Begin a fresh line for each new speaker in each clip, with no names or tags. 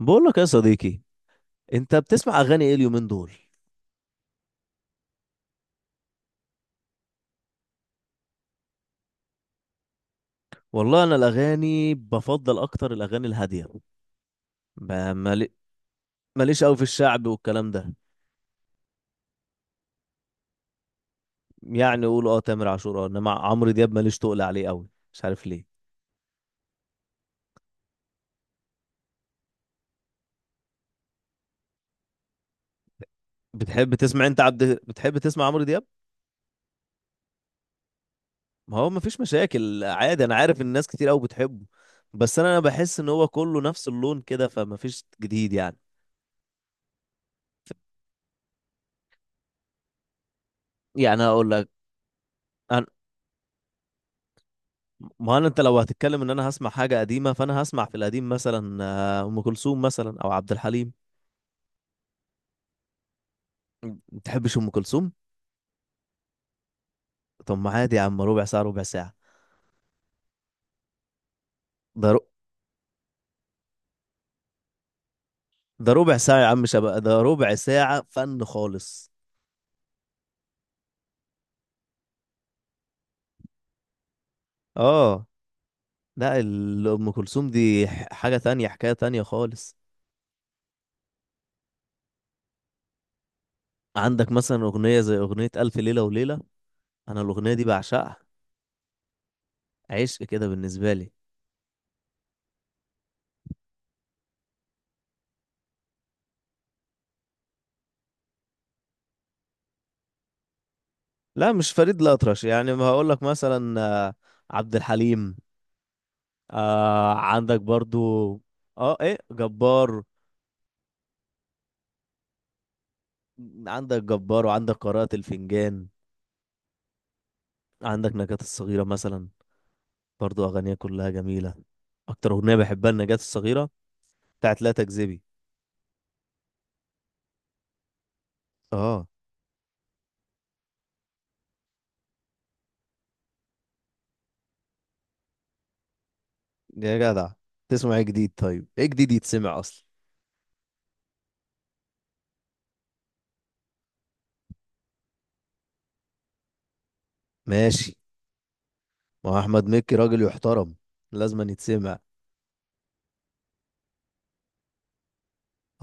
بقول لك يا صديقي، انت بتسمع اغاني ايه اليومين دول؟ والله انا الاغاني بفضل اكتر الاغاني الهاديه. ب- مالي- ماليش قوي في الشعب والكلام ده. يعني قول اه تامر عاشور، اه انما عمرو دياب ماليش تقل عليه قوي. مش عارف ليه. بتحب تسمع عمرو دياب؟ ما هو مفيش مشاكل، عادي، انا عارف الناس كتير قوي بتحبه. بس انا بحس ان هو كله نفس اللون كده فمفيش جديد يعني. يعني هقول لك، انا ما انا انت لو هتتكلم ان انا هسمع حاجه قديمه، فانا هسمع في القديم مثلا ام كلثوم مثلا او عبد الحليم. ما تحبش ام كلثوم؟ طب ما عادي يا عم، ربع ساعه ربع ساعه. ده ر... ده ربع ساعه يا عم، شباب، ده ربع ساعه فن خالص. اه. لا، ام كلثوم دي حاجه تانية، حكايه تانية خالص. عندك مثلا اغنيه زي اغنيه الف ليله وليله، انا الاغنيه دي بعشقها، عشق كده بالنسبه لي. لا مش فريد الأطرش، يعني ما هقول لك مثلا، عبد الحليم. آه، عندك برضو. اه، ايه جبار؟ عندك جبار وعندك قراءة الفنجان. عندك نجاة الصغيرة مثلا، برضو أغانيها كلها جميلة. أكتر أغنية بحبها النجاة الصغيرة بتاعت لا تكذبي. اه. يا جدع، تسمع ايه جديد؟ طيب ايه جديد يتسمع أصلا؟ ماشي. ما هو أحمد مكي راجل يحترم، لازم أن يتسمع.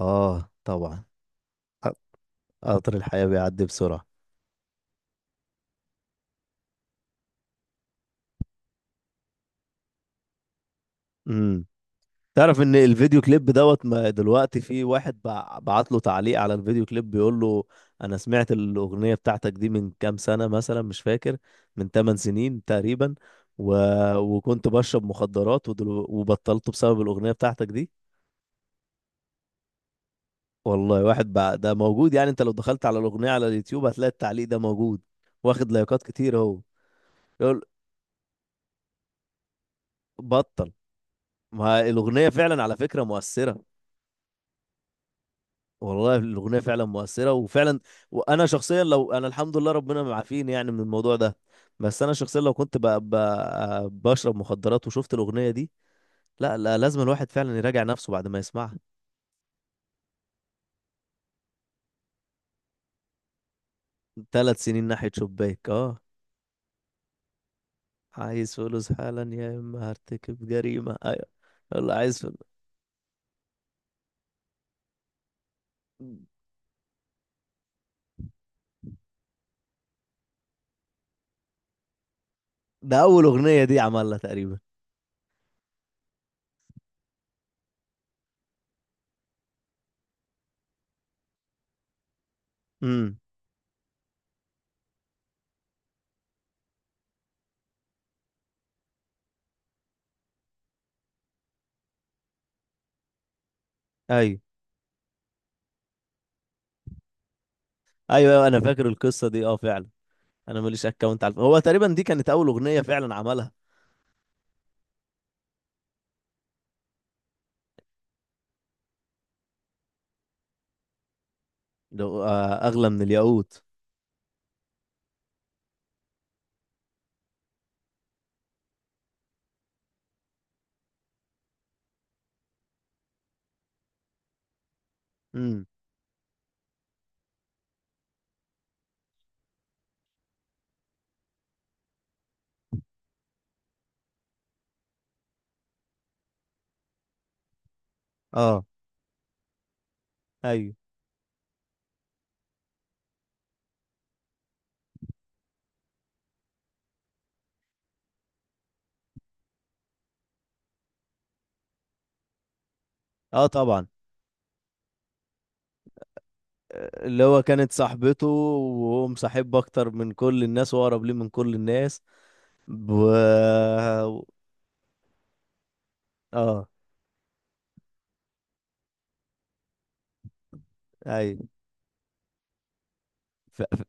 اه طبعا. قطر الحياة بيعدي بسرعة. امم تعرف ان الفيديو كليب دوت ما دلوقتي في واحد بعت له تعليق على الفيديو كليب بيقول له: انا سمعت الاغنيه بتاعتك دي من كام سنه، مثلا مش فاكر، من 8 سنين تقريبا، و... وكنت بشرب مخدرات وبطلت بسبب الاغنيه بتاعتك دي. والله واحد ده موجود، يعني انت لو دخلت على الاغنيه على اليوتيوب هتلاقي التعليق ده موجود واخد لايكات كتير اهو. يقول بطل. ما الاغنيه فعلا على فكره مؤثره. والله الاغنيه فعلا مؤثره وفعلا، وانا شخصيا لو انا الحمد لله ربنا معافيني يعني من الموضوع ده، بس انا شخصيا لو كنت بقى بشرب مخدرات وشفت الاغنيه دي، لا لا لازم الواحد فعلا يراجع نفسه بعد ما يسمعها. ثلاث سنين ناحيه شباك، اه. عايز فلوس حالا يا اما هرتكب جريمه، ايوه. والله عايز فلوس. ده اول اغنيه دي عملها تقريبا. امم، ايوه، ايوه، أيوة، انا فاكر القصه دي، اه فعلا. انا ماليش اكونت على هو تقريبا دي كانت اول اغنيه فعلا عملها. اغلى من الياقوت. اه. ايوه. اه طبعا. اللي هو كانت صاحبته وهو مصاحب اكتر من كل الناس واقرب ليه من كل الناس. ب... اه. ايوه. ف... ف-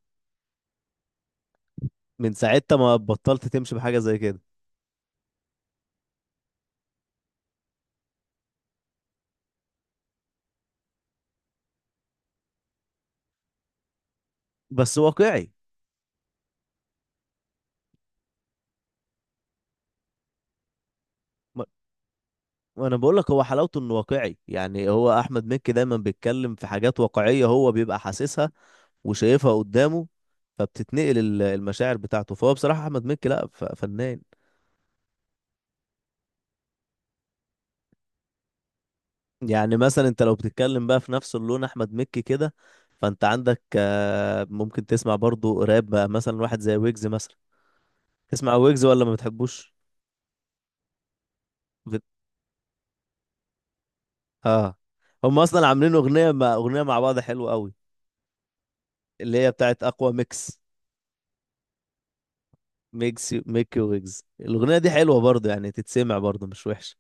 من ساعتها ما بطلت تمشي بحاجه زي كده. بس واقعي. ما... ما انا بقول لك، هو حلاوته انه واقعي، يعني هو احمد مكي دايما بيتكلم في حاجات واقعيه، هو بيبقى حاسسها وشايفها قدامه، فبتتنقل المشاعر بتاعته، فهو بصراحه احمد مكي لا فنان. يعني مثلا انت لو بتتكلم بقى في نفس اللون احمد مكي كده، فانت عندك، ممكن تسمع برضو راب بقى مثلا واحد زي ويجز مثلا. تسمع ويجز ولا ما بتحبوش؟ بت... اه. هم اصلا عاملين اغنيه مع بعض حلوه قوي، اللي هي بتاعت اقوى ميكس، ميكس ميكي ويجز. الاغنيه دي حلوه برضو، يعني تتسمع برضو مش وحشه،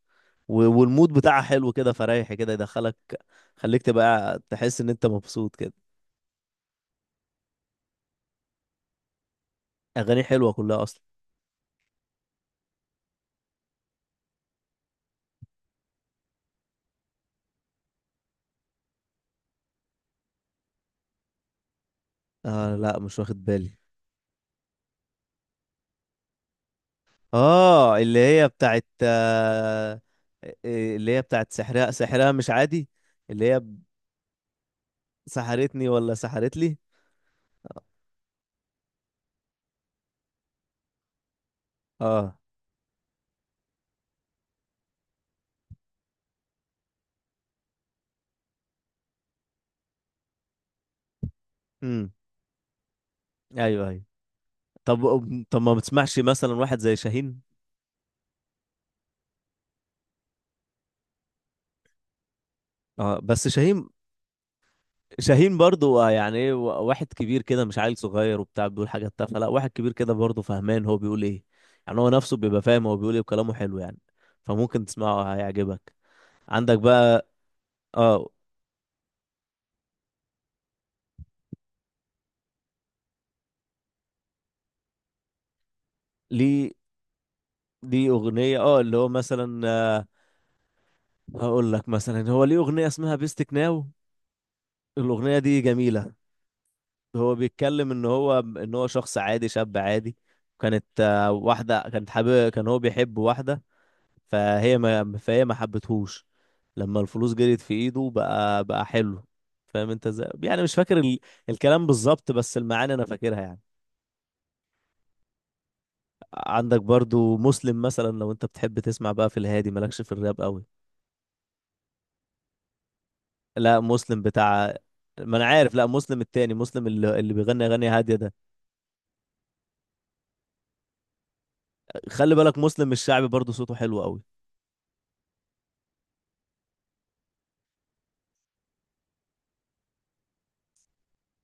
والمود بتاعها حلو كده، فريح كده، يدخلك، خليك تبقى تحس ان انت مبسوط كده. اغاني حلوه كلها اصلا. آه لا، مش واخد بالي. اه اللي هي بتاعت، اللي هي بتاعت سحرها، سحرها مش عادي. اللي هي سحرتني ولا سحرت لي؟ اه. امم، ايوه، ايوه. طب طب ما بتسمعش مثلا واحد زي شاهين؟ اه بس شاهين، شاهين برضو، يعني ايه، واحد كبير كده مش عيل صغير وبتاع بيقول حاجات تافهه، لا واحد كبير كده برضو فهمان هو بيقول ايه، يعني هو نفسه بيبقى فاهم هو بيقول ايه، وكلامه حلو يعني. فممكن تسمعه هيعجبك. عندك بقى. اه. ليه ليه اغنيه، اه اللي هو مثلا، هقول لك مثلا، هو ليه اغنيه اسمها بيستك ناو، الاغنيه دي جميله. هو بيتكلم ان هو شخص عادي، شاب عادي. كانت، واحده كانت حابب، كان هو بيحب واحده، فهي ما حبتهوش. لما الفلوس جريت في ايده بقى حلو. فاهم انت ازاي؟ يعني مش فاكر الكلام بالظبط، بس المعاني انا فاكرها يعني. عندك برضو مسلم مثلا، لو انت بتحب تسمع بقى في الهادي، مالكش في الراب قوي. لا مسلم بتاع. ما انا عارف، لا مسلم التاني، مسلم اللي بيغني اغاني هاديه ده. خلي بالك مسلم الشعبي برضه صوته حلو قوي.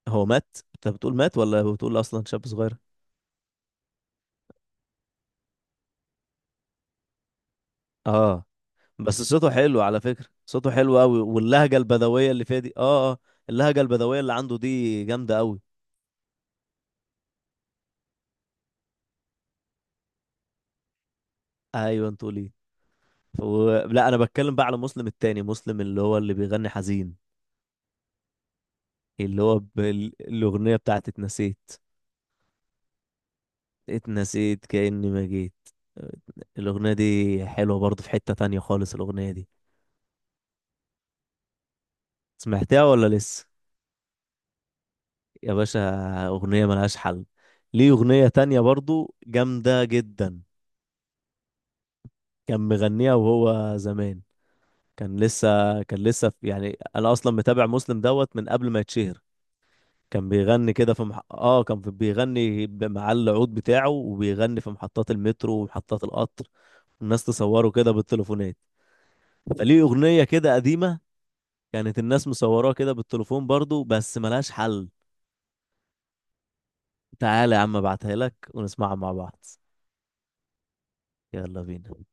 هو مات؟ انت بتقول مات ولا بتقول اصلا شاب صغير؟ اه. بس صوته حلو على فكره، صوته حلو قوي، واللهجه البدويه اللي فيها دي، اه اه. اللهجه البدويه اللي عنده دي جامده قوي. ايوه، انتوا ليه. لا انا بتكلم بقى على مسلم التاني، مسلم اللي هو اللي بيغني حزين. اللي هو الاغنيه بتاعت اتنسيت. اتنسيت كأني ما جيت. الأغنية دي حلوة برضه، في حتة تانية خالص الأغنية دي. سمعتها ولا لسه؟ يا باشا، أغنية ملهاش حل. ليه أغنية تانية برضه جامدة جدا. كان مغنيها وهو زمان. كان لسه كان لسه في، يعني أنا أصلا متابع مسلم دوت من قبل ما يتشهر. كان بيغني كده في مح... اه كان في- بيغني ب- مع العود بتاعه، وبيغني في محطات المترو ومحطات القطر، والناس تصوره كده بالتليفونات. فليه أغنية كده قديمة، كانت الناس مصوراه كده بالتليفون برضو، بس ملهاش حل. تعالى يا عم ابعتها لك ونسمعها مع بعض. يلا بينا.